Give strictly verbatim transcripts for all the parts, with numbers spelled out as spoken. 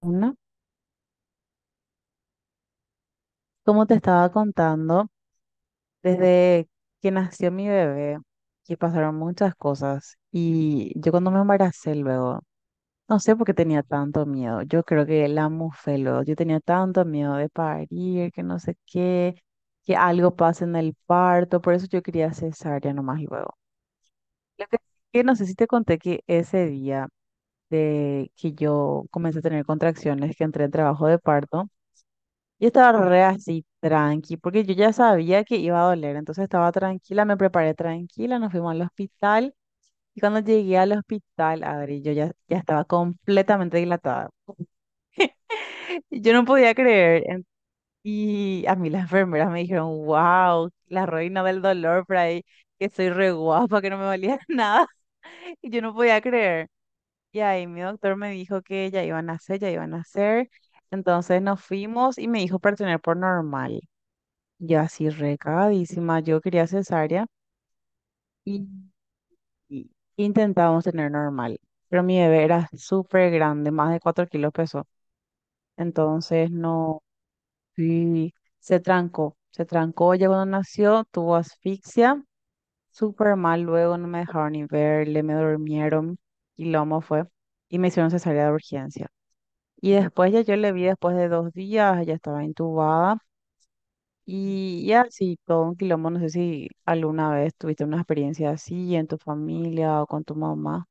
Una, como te estaba contando, desde que nació mi bebé, que pasaron muchas cosas y yo cuando me embaracé luego, no sé por qué tenía tanto miedo, yo creo que la mufé luego, yo tenía tanto miedo de parir, que no sé qué, que algo pase en el parto, por eso yo quería cesárea nomás luego. Lo que, que no sé si te conté que ese día de que yo comencé a tener contracciones, que entré en trabajo de parto. Yo estaba re así, tranqui, porque yo ya sabía que iba a doler, entonces estaba tranquila, me preparé tranquila, nos fuimos al hospital y cuando llegué al hospital, Adri, yo ya, ya estaba completamente dilatada. Y yo no podía creer en- Y a mí las enfermeras me dijeron, wow, la reina del dolor por ahí, que soy re guapa, que no me valía nada, y yo no podía creer. Y ahí mi doctor me dijo que ya iban a hacer, ya iban a hacer, entonces nos fuimos y me dijo para tener por normal. Y así recagadísima, yo quería cesárea y, y intentábamos tener normal, pero mi bebé era súper grande, más de cuatro kilos pesó, entonces no, sí, se trancó, se trancó ya cuando nació, tuvo asfixia, súper mal, luego no me dejaron ni verle, me durmieron y lomo fue, y me hicieron cesárea de urgencia. Y después ya yo le vi después de dos días, ella estaba intubada. Y, y así, todo un quilombo, no sé si alguna vez tuviste una experiencia así en tu familia o con tu mamá.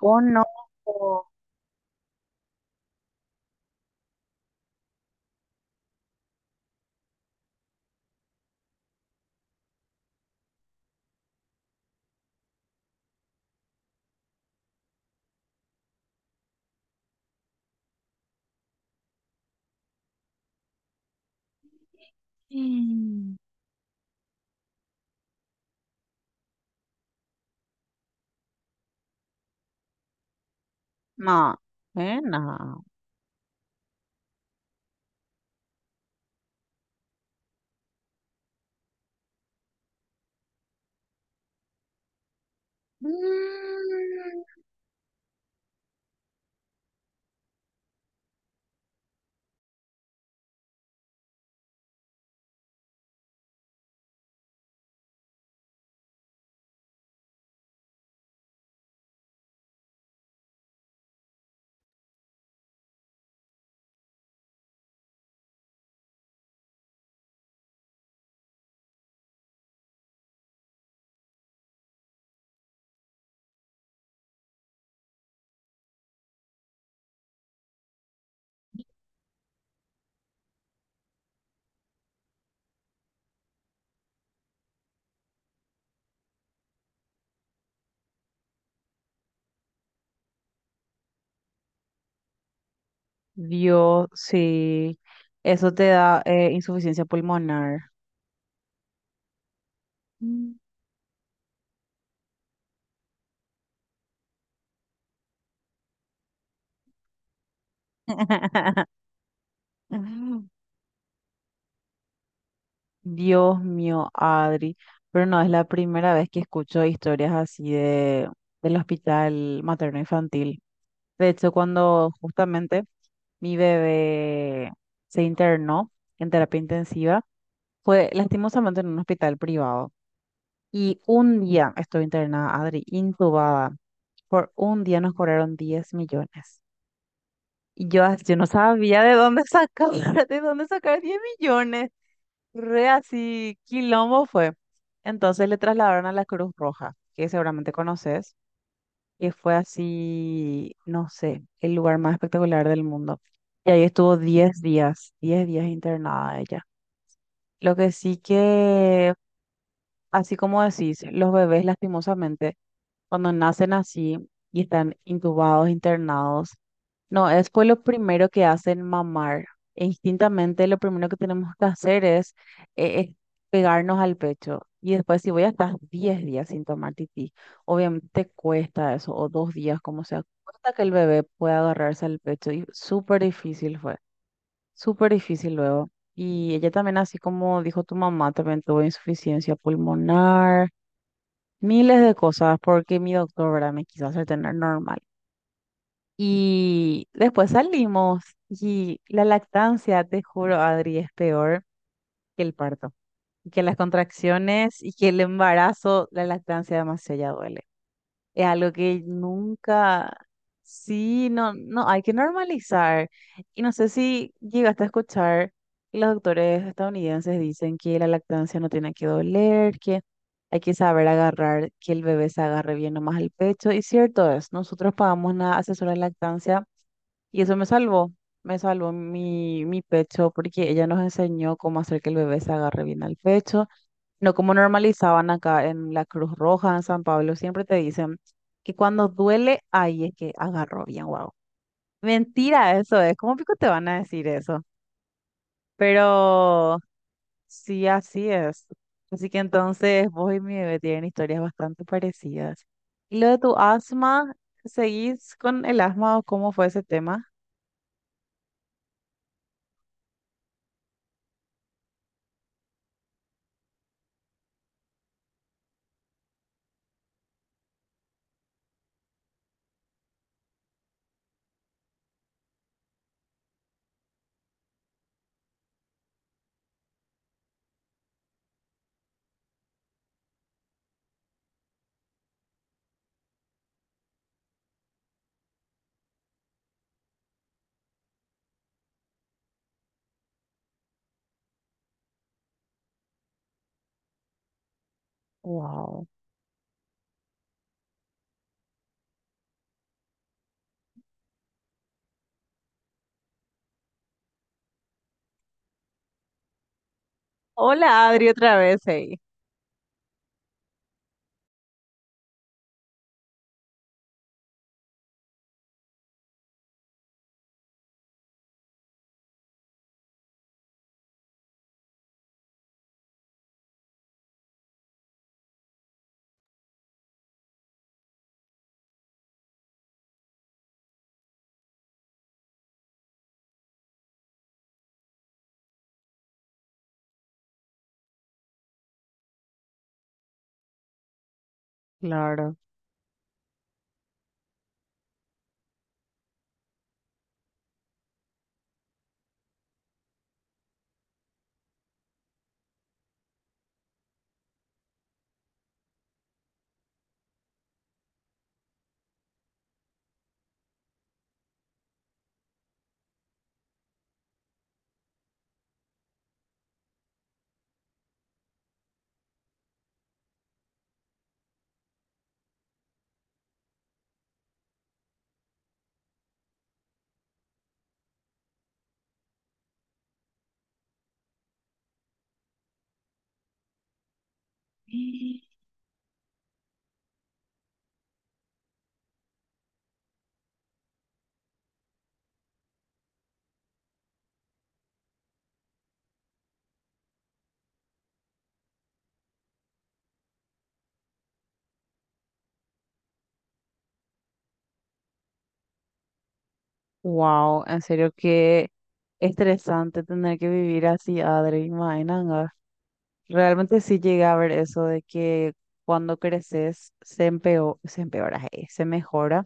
Conozco. Mm. No, eh, no. Mm. Dios, sí. Eso te da eh, insuficiencia pulmonar. Mm. Dios mío, Adri. Pero no es la primera vez que escucho historias así de, del hospital materno infantil. De hecho, cuando justamente mi bebé se internó en terapia intensiva. Fue lastimosamente en un hospital privado. Y un día estuve internada, Adri, intubada. Por un día nos cobraron diez millones. Y yo, as- yo no sabía de dónde sacar, de dónde sacar diez millones. Re así, quilombo fue. Entonces le trasladaron a la Cruz Roja, que seguramente conoces. Que fue así, no sé, el lugar más espectacular del mundo. Y ahí estuvo diez días, diez días internada ella. Lo que sí que, así como decís, los bebés lastimosamente cuando nacen así y están intubados, internados, no, es pues lo primero que hacen mamar. E instintamente lo primero que tenemos que hacer es, eh, es pegarnos al pecho. Y después si voy a estar diez días sin tomar tití, obviamente te cuesta eso, o dos días, como sea, cuesta que el bebé pueda agarrarse al pecho. Y súper difícil fue, súper difícil luego. Y ella también, así como dijo tu mamá, también tuvo insuficiencia pulmonar, miles de cosas porque mi doctor, ¿verdad? Me quiso hacer tener normal. Y después salimos y la lactancia, te juro, Adri, es peor que el parto, que las contracciones y que el embarazo, la lactancia demasiado ya duele. Es algo que nunca, sí, no, no, hay que normalizar. Y no sé si llegaste a escuchar que los doctores estadounidenses dicen que la lactancia no tiene que doler, que hay que saber agarrar, que el bebé se agarre bien nomás al pecho. Y cierto es, nosotros pagamos una asesora de lactancia y eso me salvó, me salvó mi, mi pecho porque ella nos enseñó cómo hacer que el bebé se agarre bien al pecho. No como normalizaban acá en la Cruz Roja, en San Pablo, siempre te dicen que cuando duele, ahí es que agarró bien, wow. Mentira, eso es. ¿Cómo pico te van a decir eso? Pero sí, así es. Así que entonces vos y mi bebé tienen historias bastante parecidas. ¿Y lo de tu asma? ¿Seguís con el asma o cómo fue ese tema? Wow. Hola, Adri, otra vez, hey. Claro. Wow, en serio qué estresante tener que vivir así, Adri, imagínate. Realmente sí llegué a ver eso de que cuando creces se empeo- se empeora, eh, se mejora,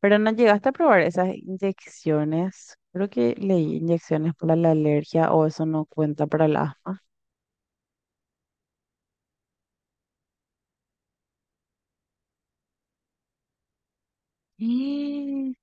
pero no llegaste a probar esas inyecciones. Creo que leí inyecciones para la alergia, o eso no cuenta para el asma. Mm.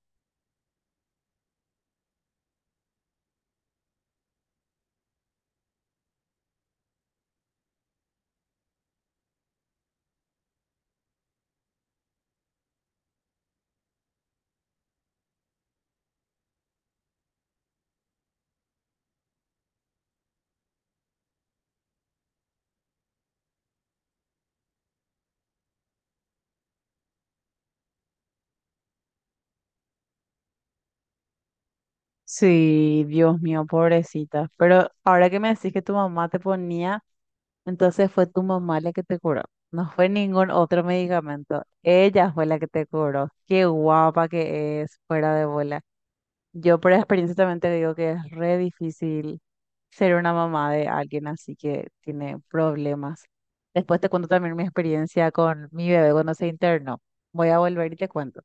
Sí, Dios mío, pobrecita. Pero ahora que me decís que tu mamá te ponía, entonces fue tu mamá la que te curó. No fue ningún otro medicamento. Ella fue la que te curó. Qué guapa que es, fuera de bola. Yo por experiencia también te digo que es re difícil ser una mamá de alguien así que tiene problemas. Después te cuento también mi experiencia con mi bebé cuando se internó. Voy a volver y te cuento.